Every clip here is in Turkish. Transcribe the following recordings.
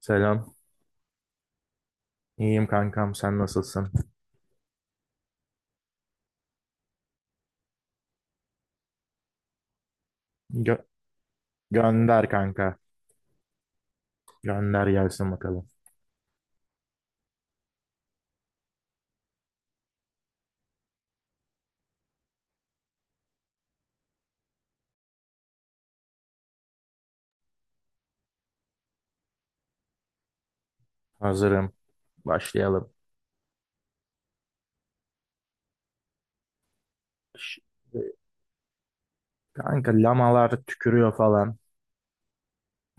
Selam. İyiyim kankam. Sen nasılsın? Gö- gönder kanka. Gönder gelsin bakalım. Hazırım. Başlayalım. Şimdi, kanka lamalar tükürüyor falan.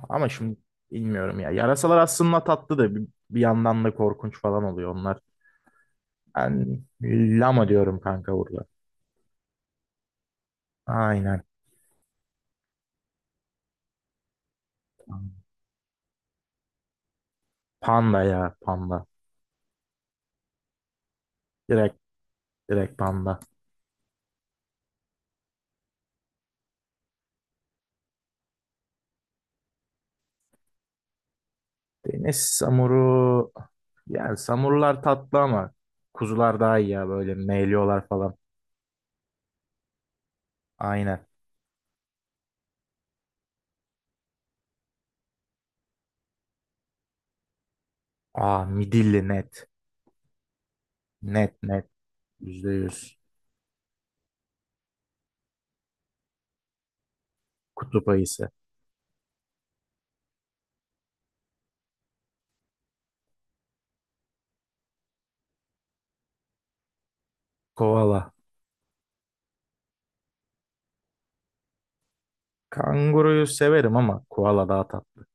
Ama şimdi bilmiyorum ya. Yarasalar aslında tatlı da bir yandan da korkunç falan oluyor onlar. Ben lama diyorum kanka burada. Aynen. Panda ya panda. Direkt direkt panda. Deniz samuru. Yani samurlar tatlı ama kuzular daha iyi ya böyle meyliyorlar falan. Aynen. Aa, midilli net. Net net. Yüzde yüz. Kutup ayısı. Koala. Kanguruyu severim ama koala daha tatlı.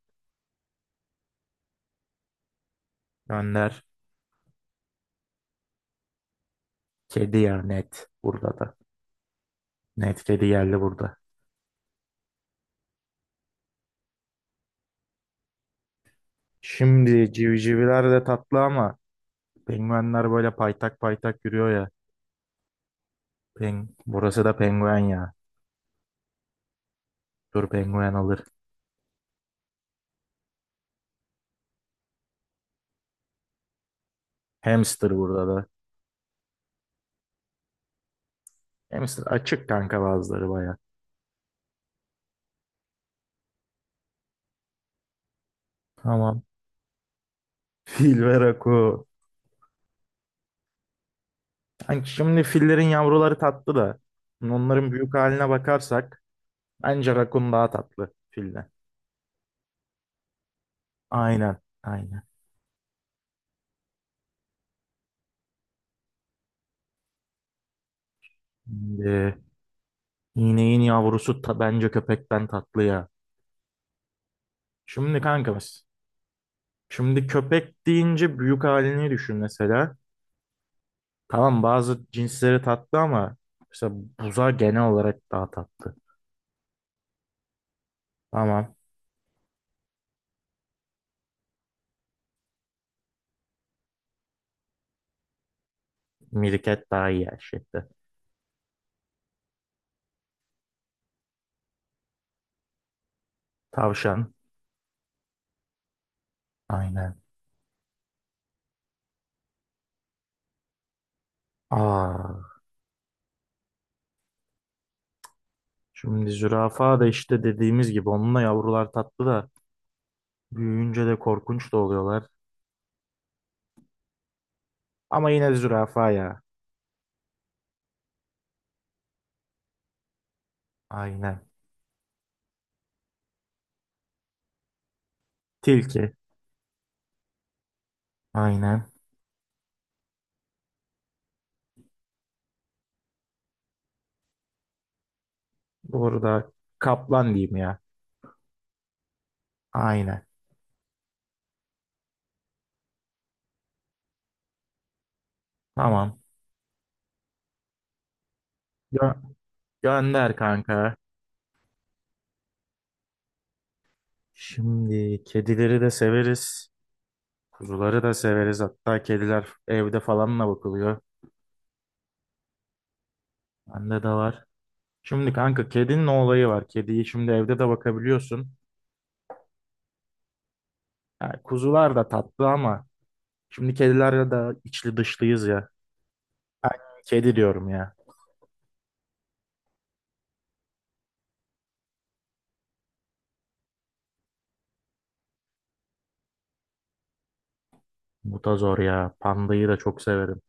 Önder. Kedi ya net. Burada da. Net kedi yerli burada. Şimdi civcivler de tatlı ama penguenler böyle paytak paytak yürüyor ya. Burası da penguen ya. Dur penguen alır. Hamster burada da. Hamster açık kanka bazıları baya. Tamam. Fil ve raku. Hani şimdi fillerin yavruları tatlı da hani onların büyük haline bakarsak bence rakun daha tatlı filden. Aynen, aynen. Şimdi ineğin yavrusu bence köpekten tatlı ya. Şimdi kankamız. Şimdi köpek deyince büyük halini düşün mesela. Tamam bazı cinsleri tatlı ama mesela buza genel olarak daha tatlı. Tamam. Mirket daha iyi her şeyde. Tavşan. Aynen. Aa. Şimdi zürafa da işte dediğimiz gibi onunla yavrular tatlı da büyüyünce de korkunç da oluyorlar. Ama yine zürafa ya. Aynen. Tilki. Aynen. Doğru da kaplan diyeyim ya. Aynen. Tamam. Gö- gönder kanka. Şimdi kedileri de severiz. Kuzuları da severiz. Hatta kediler evde falanla bakılıyor. Bende de var. Şimdi kanka kedinin olayı var. Kediyi şimdi evde de bakabiliyorsun. Yani kuzular da tatlı ama şimdi kedilerle de içli dışlıyız ya. Ay, kedi diyorum ya. Mutazor ya. Pandayı da çok severim.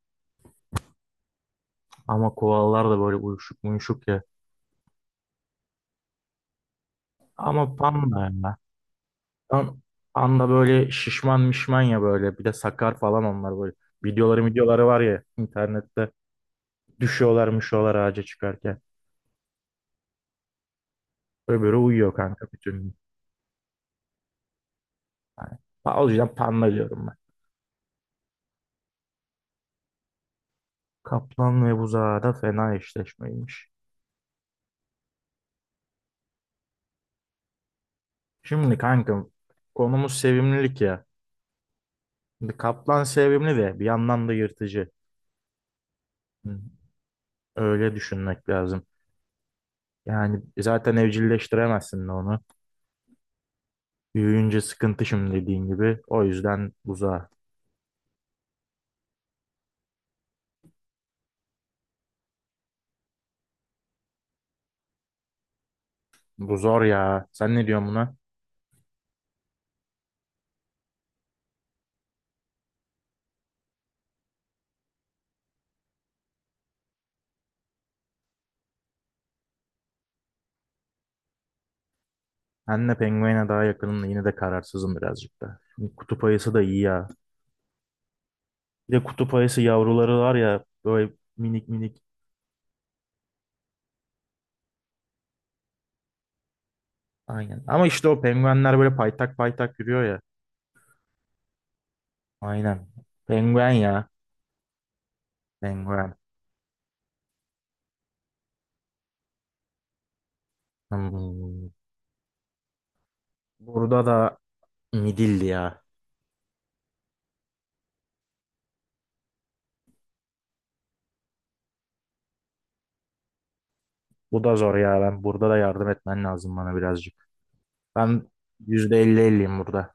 Ama koalalar da böyle uyuşuk muyuşuk ya. Ama panda ya. Pan- Panda böyle şişman mişman ya böyle. Bir de sakar falan onlar böyle. Videoları var ya internette. Düşüyorlar müşüyorlar ağaca çıkarken. Böyle böyle uyuyor kanka bütün gün. Yani, o yüzden panda diyorum ben. Kaplan ve buzağı da fena eşleşmeymiş. Şimdi kanka konumuz sevimlilik ya. Şimdi kaplan sevimli de bir yandan da yırtıcı. Hı, öyle düşünmek lazım. Yani zaten evcilleştiremezsin de onu. Büyüyünce sıkıntı şimdi dediğin gibi. O yüzden buzağa. Bu zor ya. Sen ne diyorsun buna? Ben penguene daha yakınım da yine de kararsızım birazcık da. Şimdi kutup ayısı da iyi ya. Bir de kutup ayısı yavruları var ya böyle minik minik. Aynen. Ama işte o penguenler böyle paytak paytak yürüyor ya. Aynen. Penguen ya. Penguen. Hmm. Burada da midilli ya. Bu da zor ya. Ben burada da yardım etmen lazım bana birazcık. Ben %50-50'yim burada.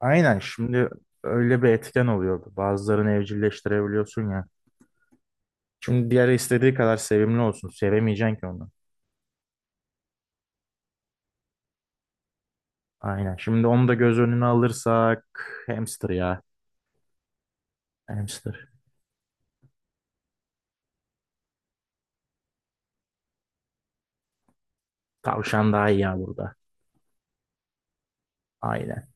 Aynen şimdi öyle bir etken oluyor. Bazılarını evcilleştirebiliyorsun ya. Şimdi diğer istediği kadar sevimli olsun. Sevemeyeceksin ki onu. Aynen. Şimdi onu da göz önüne alırsak hamster ya. Hamster. Tavşan daha iyi ya burada. Aynen.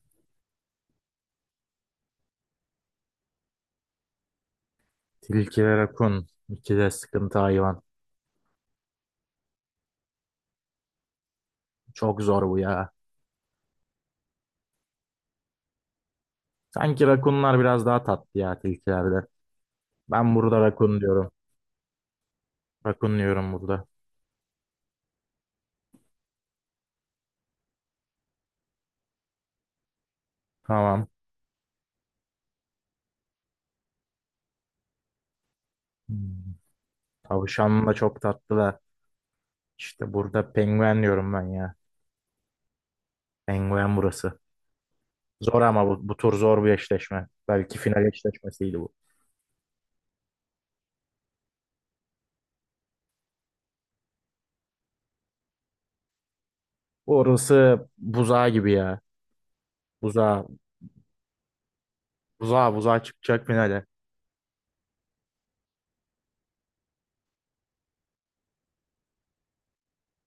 Tilki ve rakun. İki de sıkıntı hayvan. Çok zor bu ya. Sanki rakunlar biraz daha tatlı ya tilkilerde. Ben burada rakun diyorum. Rakun diyorum burada. Tamam. Hmm. Tavşan da çok tatlı da. İşte burada penguen diyorum ben ya. Penguen burası. Zor ama bu tur zor bir eşleşme. Belki final eşleşmesiydi bu. Orası buzağı gibi ya. Buzağı, buzağı, buzağı çıkacak finale.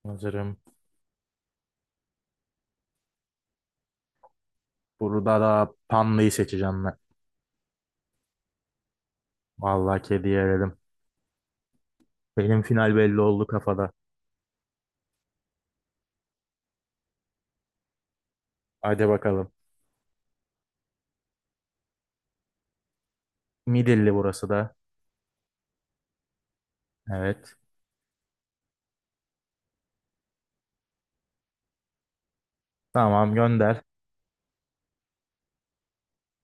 Hazırım. Burada da pandayı seçeceğim ben. Vallahi kediyi eledim. Benim final belli oldu kafada. Hadi bakalım. Midilli burası da. Evet. Tamam gönder.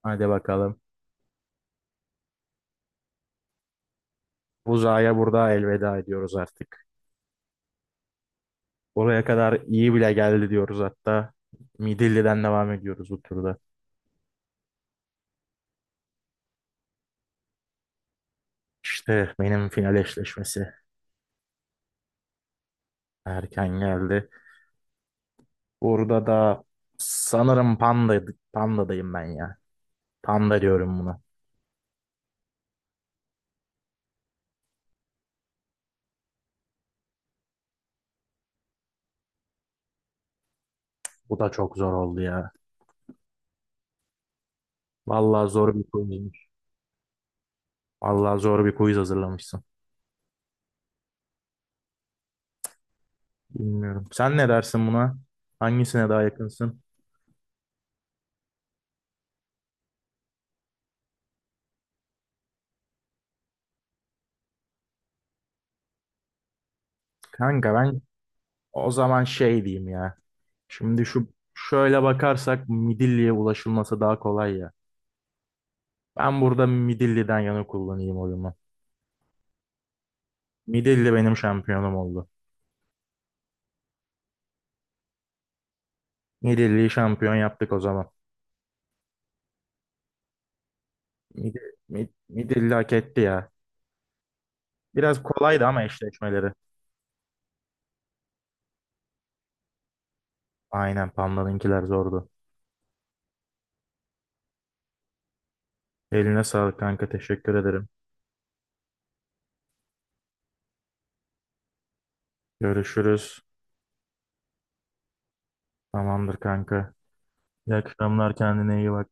Hadi bakalım. Buzağa burada elveda ediyoruz artık. Oraya kadar iyi bile geldi diyoruz hatta. Midilli'den devam ediyoruz bu turda. İşte benim final eşleşmesi erken geldi. Burada da sanırım Panda'dayım ben ya. Panda diyorum buna. Bu da çok zor oldu ya. Vallahi zor bir quizmiş. Vallahi zor bir quiz hazırlamışsın. Bilmiyorum. Sen ne dersin buna? Hangisine daha yakınsın? Kanka ben o zaman şey diyeyim ya. Şimdi şöyle bakarsak Midilli'ye ulaşılması daha kolay ya. Ben burada Midilli'den yana kullanayım oyumu. Midilli benim şampiyonum oldu. Midilli'yi şampiyon yaptık o zaman. Midi, Midilli hak etti ya. Biraz kolaydı ama eşleşmeleri. Aynen Panda'nınkiler zordu. Eline sağlık kanka teşekkür ederim. Görüşürüz. Tamamdır kanka. İyi akşamlar, kendine iyi bak.